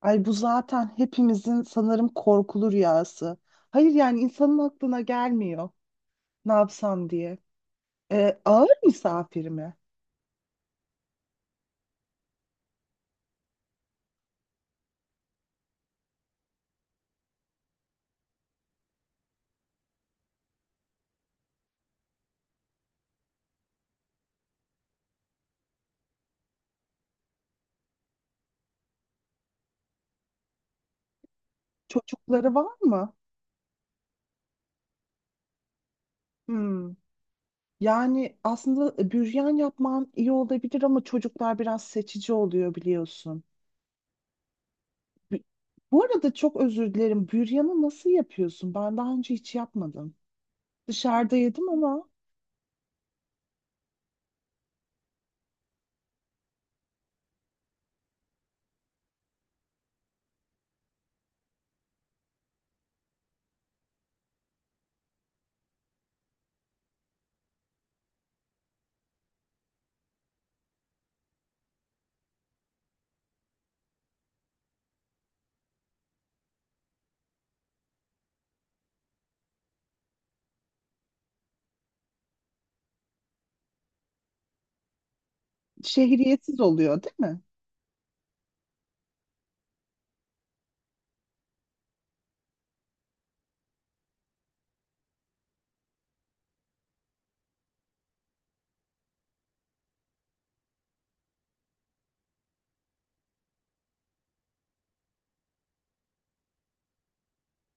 Ay bu zaten hepimizin sanırım korkulu rüyası. Hayır yani insanın aklına gelmiyor ne yapsam diye. Ağır misafir mi? Çocukları var mı? Hmm. Yani aslında büryan yapman iyi olabilir ama çocuklar biraz seçici oluyor biliyorsun. Bu bu arada çok özür dilerim. Büryanı nasıl yapıyorsun? Ben daha önce hiç yapmadım. Dışarıda yedim ama şehriyetsiz oluyor değil mi?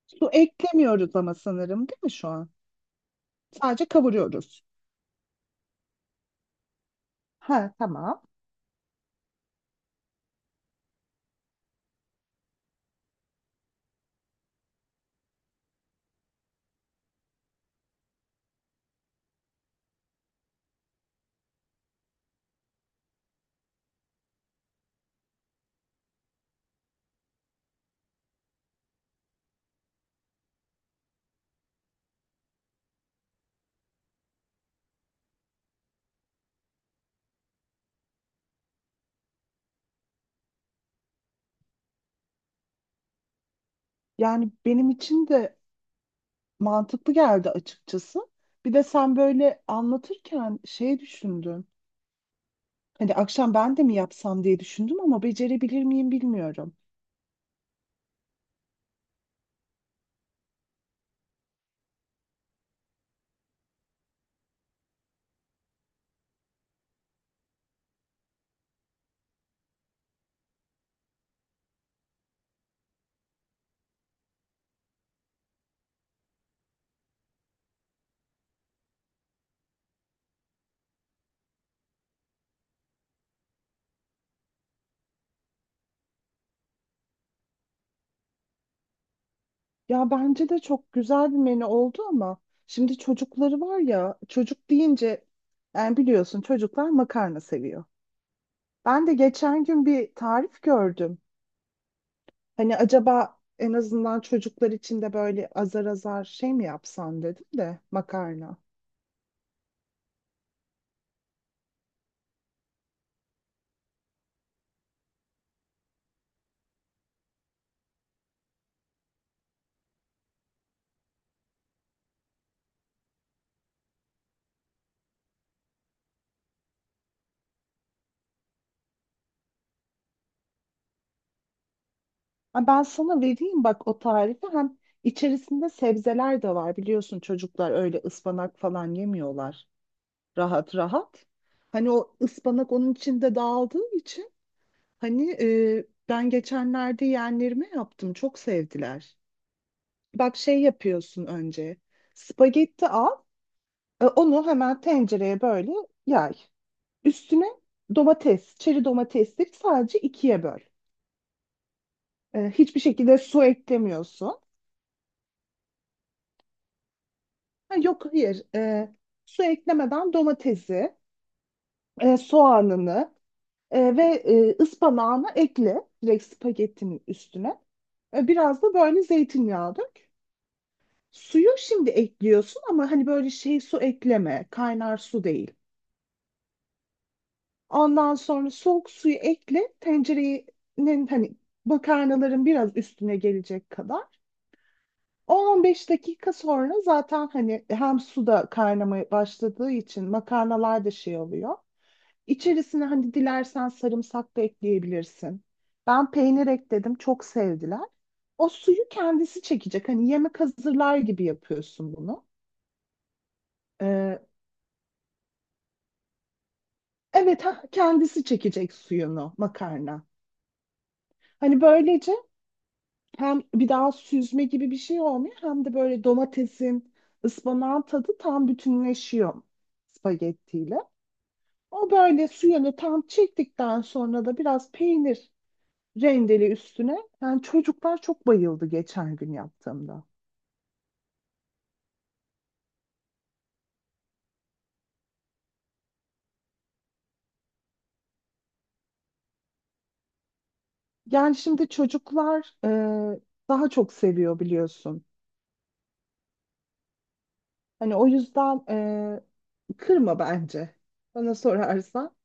Su eklemiyoruz ama sanırım değil mi şu an? Sadece kavuruyoruz. Ha, tamam. Yani benim için de mantıklı geldi açıkçası. Bir de sen böyle anlatırken şey düşündüm. Hani akşam ben de mi yapsam diye düşündüm ama becerebilir miyim bilmiyorum. Ya bence de çok güzel bir menü oldu ama şimdi çocukları var ya, çocuk deyince yani biliyorsun çocuklar makarna seviyor. Ben de geçen gün bir tarif gördüm. Hani acaba en azından çocuklar için de böyle azar azar şey mi yapsan dedim de, makarna. Ha, ben sana vereyim bak o tarifi, hem içerisinde sebzeler de var, biliyorsun çocuklar öyle ıspanak falan yemiyorlar rahat rahat. Hani o ıspanak onun içinde dağıldığı için hani, ben geçenlerde yeğenlerime yaptım, çok sevdiler. Bak şey yapıyorsun, önce spagetti al, onu hemen tencereye böyle yay. Üstüne domates, çeri domatesleri sadece ikiye böl. Hiçbir şekilde su eklemiyorsun. Ha, yok hayır. Su eklemeden domatesi, soğanını ve ıspanağını ekle direkt spagettinin üstüne. Biraz da böyle zeytinyağı dök. Suyu şimdi ekliyorsun ama hani böyle şey, su ekleme, kaynar su değil. Ondan sonra soğuk suyu ekle, tencerenin hani makarnaların biraz üstüne gelecek kadar. 10-15 dakika sonra zaten hani hem su da kaynamaya başladığı için makarnalar da şey oluyor. İçerisine hani dilersen sarımsak da ekleyebilirsin. Ben peynir ekledim, çok sevdiler. O suyu kendisi çekecek. Hani yemek hazırlar gibi yapıyorsun bunu. Ee, evet, ha, kendisi çekecek suyunu makarna. Hani böylece hem bir daha süzme gibi bir şey olmuyor, hem de böyle domatesin, ıspanağın tadı tam bütünleşiyor spagettiyle. O böyle suyunu tam çektikten sonra da biraz peynir rendeli üstüne. Yani çocuklar çok bayıldı geçen gün yaptığımda. Yani şimdi çocuklar daha çok seviyor biliyorsun. Hani o yüzden kırma bence. Bana sorarsan.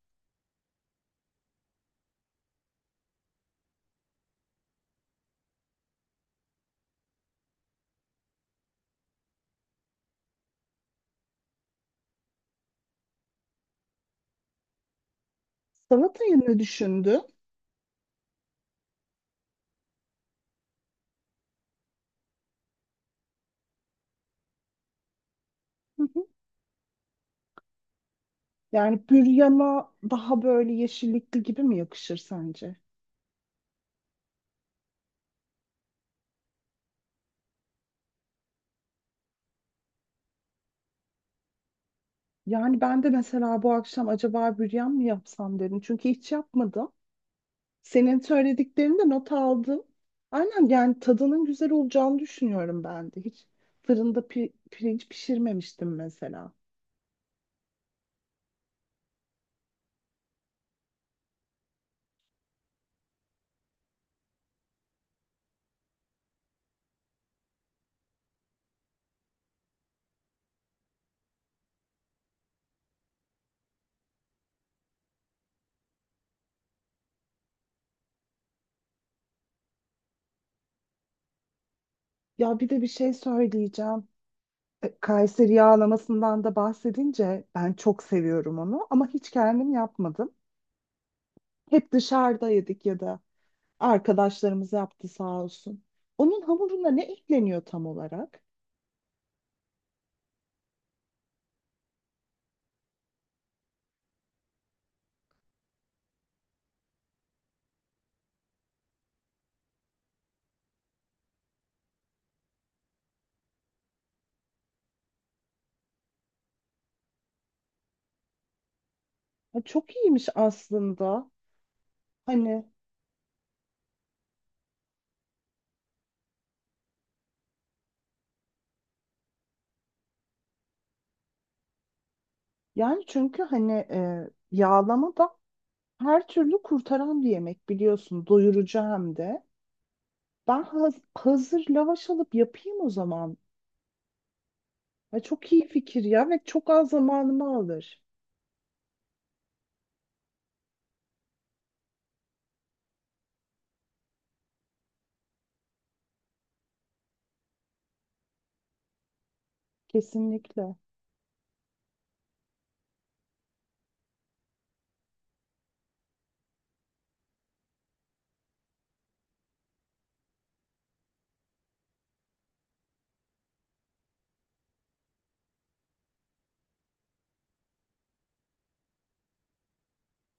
Salatayı ne düşündün? Hı hı. Yani büryana daha böyle yeşillikli gibi mi yakışır sence? Yani ben de mesela bu akşam acaba büryan mı yapsam dedim. Çünkü hiç yapmadım. Senin söylediklerini de not aldım. Aynen, yani tadının güzel olacağını düşünüyorum ben de. Hiç fırında pirinç pişirmemiştim mesela. Ya bir de bir şey söyleyeceğim. E, Kayseri yağlamasından da bahsedince ben çok seviyorum onu ama hiç kendim yapmadım. Hep dışarıda yedik ya da arkadaşlarımız yaptı sağ olsun. Onun hamuruna ne ekleniyor tam olarak? Ha, çok iyiymiş aslında. Hani yani çünkü hani yağlama da her türlü kurtaran bir yemek biliyorsun. Doyurucu hem de. Ben hazır lavaş alıp yapayım o zaman. Ay çok iyi fikir ya, ve çok az zamanımı alır. Kesinlikle.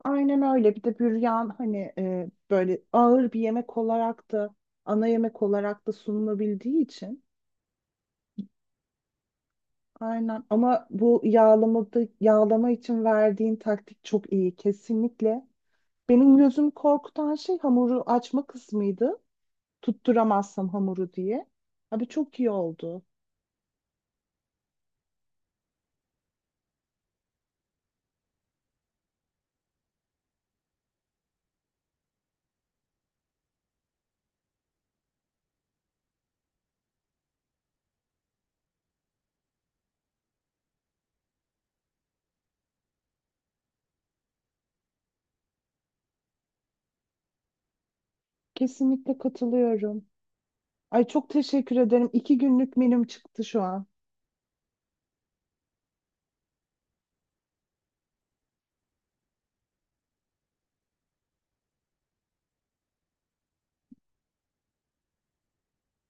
Aynen öyle. Bir de büryan hani böyle ağır bir yemek olarak da, ana yemek olarak da sunulabildiği için. Aynen. Ama bu yağlamada, yağlama için verdiğin taktik çok iyi. Kesinlikle. Benim gözüm korkutan şey hamuru açma kısmıydı. Tutturamazsam hamuru diye. Abi çok iyi oldu. Kesinlikle katılıyorum. Ay çok teşekkür ederim. İki günlük menüm çıktı şu an.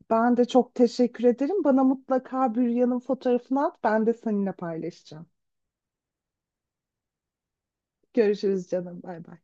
Ben de çok teşekkür ederim. Bana mutlaka Büryan'ın fotoğrafını at. Ben de seninle paylaşacağım. Görüşürüz canım. Bay bay.